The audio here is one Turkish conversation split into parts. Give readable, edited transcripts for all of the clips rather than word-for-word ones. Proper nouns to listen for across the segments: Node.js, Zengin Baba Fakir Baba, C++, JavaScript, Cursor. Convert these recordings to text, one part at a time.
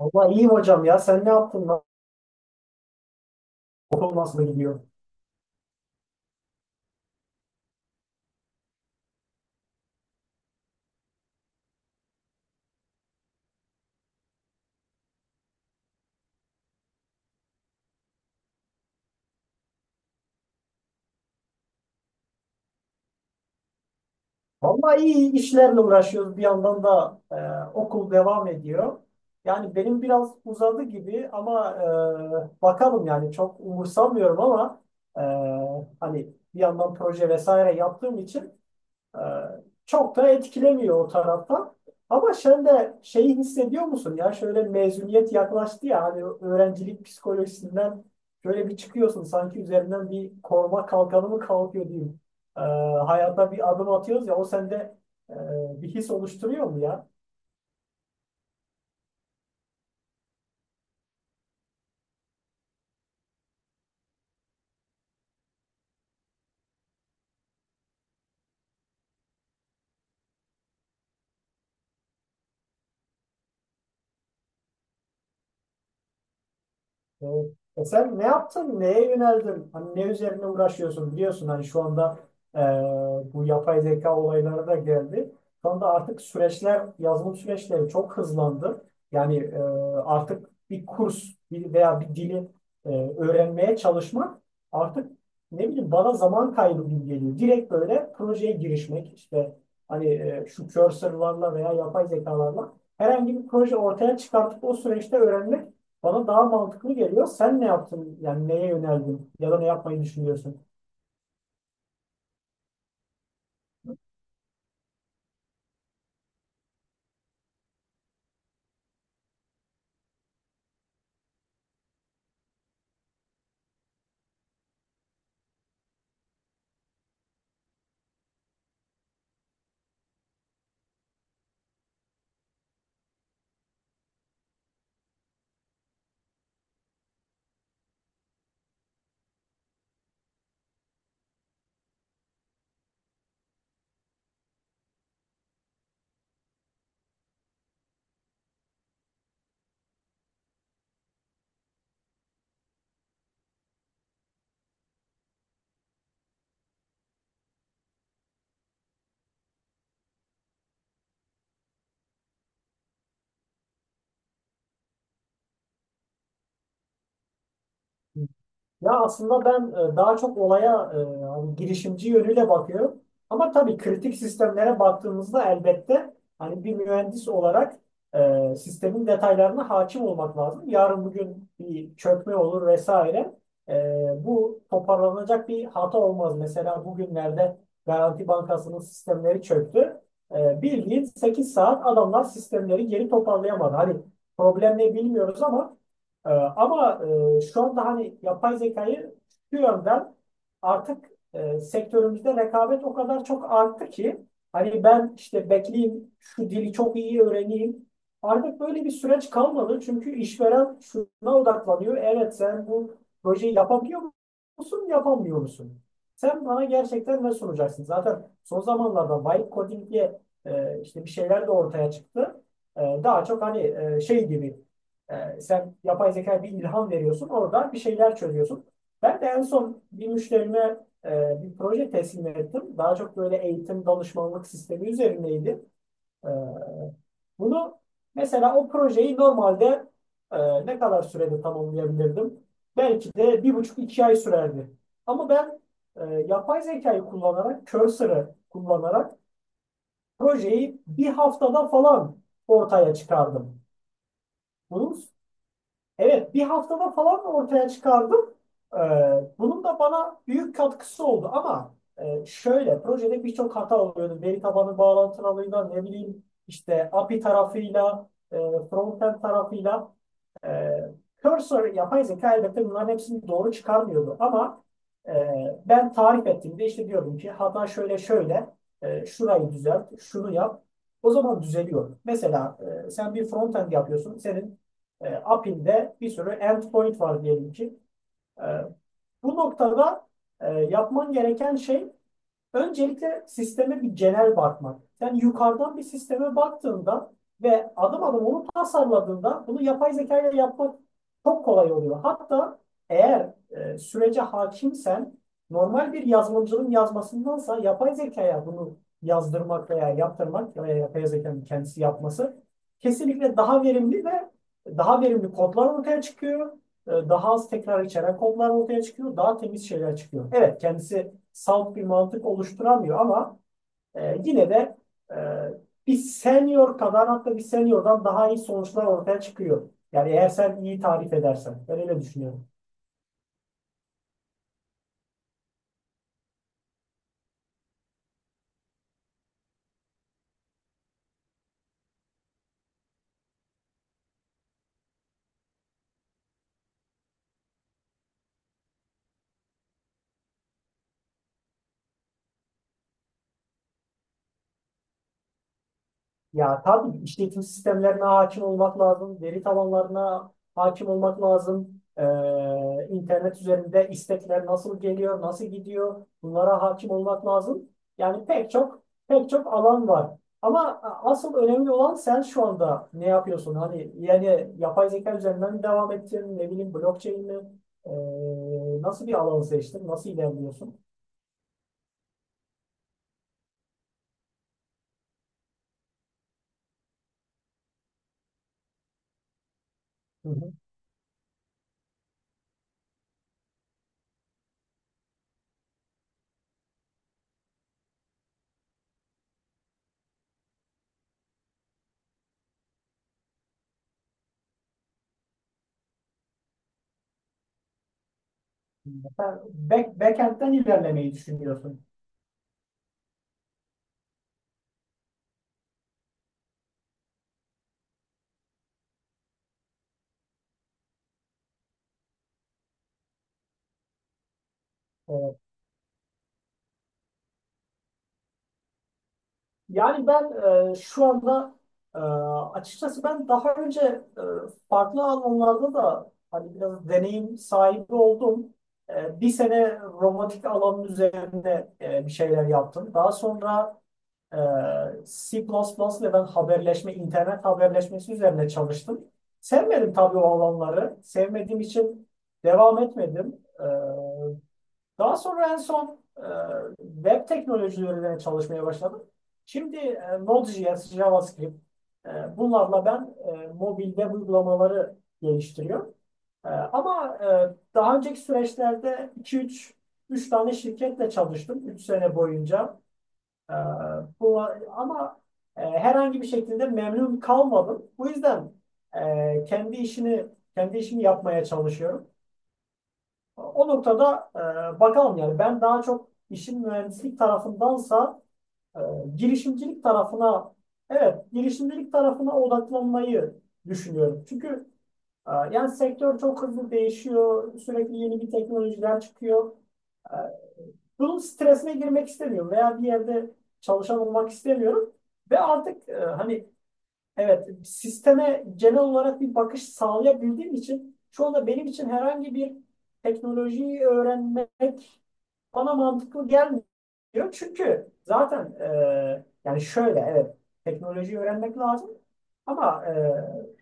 Vallahi iyi hocam ya. Sen ne yaptın lan? Okul nasıl gidiyor? Vallahi iyi işlerle uğraşıyoruz. Bir yandan da okul devam ediyor. Yani benim biraz uzadı gibi ama bakalım yani çok umursamıyorum ama e, hani bir yandan proje vesaire yaptığım için Ee, çok da etkilemiyor o taraftan. Ama sen de şeyi hissediyor musun ya şöyle mezuniyet yaklaştı ya hani öğrencilik psikolojisinden şöyle bir çıkıyorsun sanki üzerinden bir koruma kalkanı mı kalkıyor diyeyim. Ee, hayata bir adım atıyoruz ya o sende bir his oluşturuyor mu ya? Evet. E sen ne yaptın? Neye yöneldin? Hani ne üzerine uğraşıyorsun? Biliyorsun hani şu anda e, bu yapay zeka olayları da geldi. Şu anda artık süreçler, yazılım süreçleri çok hızlandı. Yani artık bir kurs bir veya bir dili e, öğrenmeye çalışmak artık ne bileyim bana zaman kaybı gibi geliyor. Direkt böyle projeye girişmek işte hani şu cursor'larla veya yapay zekalarla herhangi bir proje ortaya çıkartıp o süreçte öğrenmek bana daha mantıklı geliyor. Sen ne yaptın? Yani neye yöneldin? Ya da ne yapmayı düşünüyorsun? Ya aslında ben daha çok olaya hani girişimci yönüyle bakıyorum. Ama tabii kritik sistemlere baktığımızda elbette hani bir mühendis olarak sistemin detaylarına hakim olmak lazım. Yarın bugün bir çökme olur vesaire. Bu toparlanacak bir hata olmaz. Mesela bugünlerde Garanti Bankası'nın sistemleri çöktü. Bildiğin 8 saat adamlar sistemleri geri toparlayamadı. Hani problem ne bilmiyoruz ama ee, ama şu anda hani yapay zekayı şu yönden artık sektörümüzde rekabet o kadar çok arttı ki hani ben işte bekleyeyim şu dili çok iyi öğreneyim. Artık böyle bir süreç kalmadı çünkü işveren şuna odaklanıyor. Evet sen bu projeyi yapabiliyor musun, yapamıyor musun? Sen bana gerçekten ne sunacaksın? Zaten son zamanlarda vibe coding diye işte bir şeyler de ortaya çıktı. Daha çok hani şey gibi sen yapay zeka bir ilham veriyorsun, orada bir şeyler çözüyorsun. Ben de en son bir müşterime bir proje teslim ettim. Daha çok böyle eğitim danışmanlık sistemi üzerindeydi. Ee, bunu mesela o projeyi normalde ne kadar sürede tamamlayabilirdim? Belki de 1,5-2 ay sürerdi. Ama ben yapay zekayı kullanarak, cursor'ı kullanarak projeyi bir haftada falan ortaya çıkardım. Bunun Evet, bir haftada falan ortaya çıkardım. Ee, bunun da bana büyük katkısı oldu ama şöyle, projede birçok hata oluyordu. Veri tabanı bağlantılılığıyla, ne bileyim işte API tarafıyla, frontend tarafıyla. Ee, Cursor yapay zeka elbette bunların hepsini doğru çıkarmıyordu ama e, ben tarif ettiğimde işte diyordum ki hata şöyle şöyle şurayı düzelt, şunu yap. O zaman düzeliyor. Mesela sen bir frontend yapıyorsun. Senin API'nde bir sürü endpoint var diyelim ki. E, bu noktada yapman gereken şey öncelikle sisteme bir genel bakmak. Yani yukarıdan bir sisteme baktığında ve adım adım onu tasarladığında bunu yapay zeka ile yapmak çok kolay oluyor. Hatta eğer sürece hakimsen normal bir yazılımcının yazmasındansa yapay zekaya bunu yazdırmak veya yaptırmak veya yapay zekanın kendisi yapması kesinlikle daha verimli ve daha verimli kodlar ortaya çıkıyor. Daha az tekrar içeren kodlar ortaya çıkıyor. Daha temiz şeyler çıkıyor. Evet kendisi salt bir mantık oluşturamıyor ama yine de e, bir senior kadar hatta bir seniordan daha iyi sonuçlar ortaya çıkıyor. Yani eğer sen iyi tarif edersen. Ben öyle düşünüyorum. Ya tabii işletim sistemlerine hakim olmak lazım, veri tabanlarına hakim olmak lazım, internet üzerinde istekler nasıl geliyor, nasıl gidiyor, bunlara hakim olmak lazım. Yani pek çok pek çok alan var. Ama asıl önemli olan sen şu anda ne yapıyorsun? Hani yani yapay zeka üzerinden mi devam ettin, ne bileyim blockchain mi? Nasıl bir alanı seçtin, nasıl ilerliyorsun? Hı hı. Sen backend'den ilerlemeyi düşünüyorsun. Ee, Yani ben şu anda e, açıkçası ben daha önce e, farklı alanlarda da hani biraz deneyim sahibi oldum. Bir sene robotik alanın üzerinde bir şeyler yaptım. Daha sonra e, C++ ile ben haberleşme, internet haberleşmesi üzerine çalıştım. Sevmedim tabii o alanları. Sevmediğim için devam etmedim. Daha sonra en son web teknolojilerine çalışmaya başladım. Şimdi Node.js, JavaScript bunlarla ben mobil web uygulamaları geliştiriyorum. E, ama e, daha önceki süreçlerde iki üç üç tane şirketle çalıştım 3 sene boyunca. E, bu, ama herhangi bir şekilde memnun kalmadım. Bu yüzden e, kendi işini kendi işimi yapmaya çalışıyorum. O noktada bakalım yani ben daha çok işin mühendislik tarafındansa e, girişimcilik tarafına evet girişimcilik tarafına odaklanmayı düşünüyorum. Çünkü yani sektör çok hızlı değişiyor. Sürekli yeni bir teknolojiler çıkıyor. E, bunun stresine girmek istemiyorum veya bir yerde çalışan olmak istemiyorum. Ve artık hani evet, sisteme genel olarak bir bakış sağlayabildiğim için şu anda benim için herhangi bir teknolojiyi öğrenmek bana mantıklı gelmiyor. Çünkü zaten yani şöyle evet teknolojiyi öğrenmek lazım ama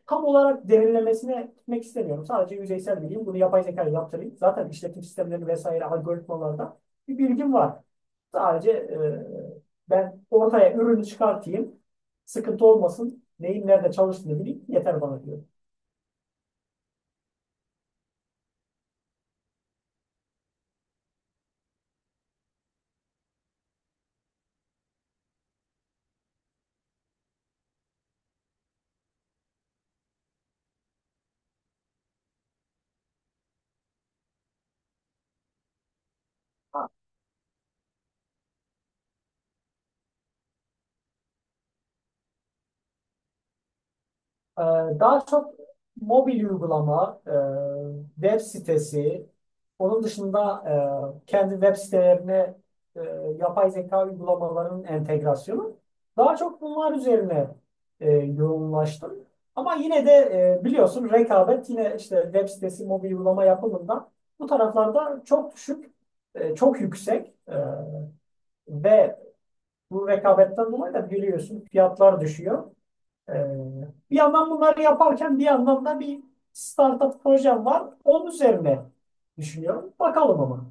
tam olarak derinlemesine gitmek istemiyorum. Sadece yüzeysel bileyim bunu yapay zeka yaptırayım. Zaten işletim sistemleri vesaire algoritmalarda bir bilgim var. Sadece ben ortaya ürünü çıkartayım sıkıntı olmasın. Neyin nerede çalıştığını bileyim yeter bana diyor. Ee, daha çok mobil uygulama, web sitesi, onun dışında kendi web sitelerine e, yapay zeka uygulamalarının entegrasyonu. Daha çok bunlar üzerine yoğunlaştım. Ama yine de biliyorsun rekabet yine işte web sitesi, mobil uygulama yapımında bu taraflarda çok düşük, çok yüksek. Ve bu rekabetten dolayı da biliyorsun fiyatlar düşüyor. Ee, bir yandan bunları yaparken bir yandan da bir startup projem var. Onun üzerine düşünüyorum. Bakalım ama.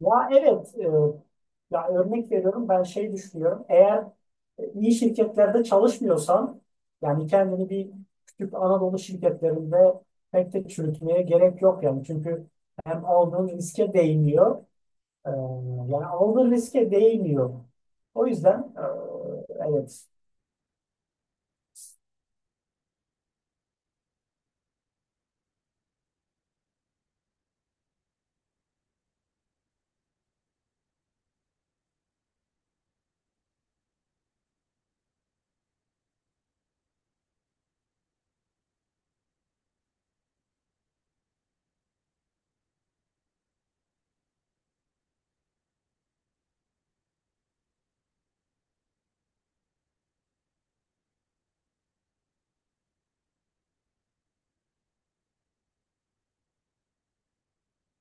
Ya evet, ya örnek veriyorum ben şey düşünüyorum. Eğer iyi şirketlerde çalışmıyorsan yani kendini bir küçük Anadolu şirketlerinde pek de çürütmeye gerek yok yani. Çünkü hem aldığın riske değmiyor. Ee, Yani aldığı riske değmiyor. O yüzden evet,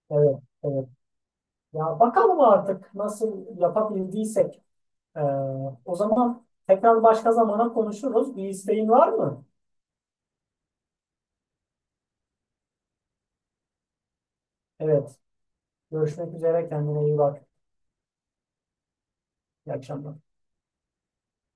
evet, evet. Ya bakalım artık nasıl yapabildiysek. Ee, o zaman tekrar başka zamana konuşuruz. Bir isteğin var mı? Evet. Görüşmek üzere. Kendine iyi bak. İyi akşamlar.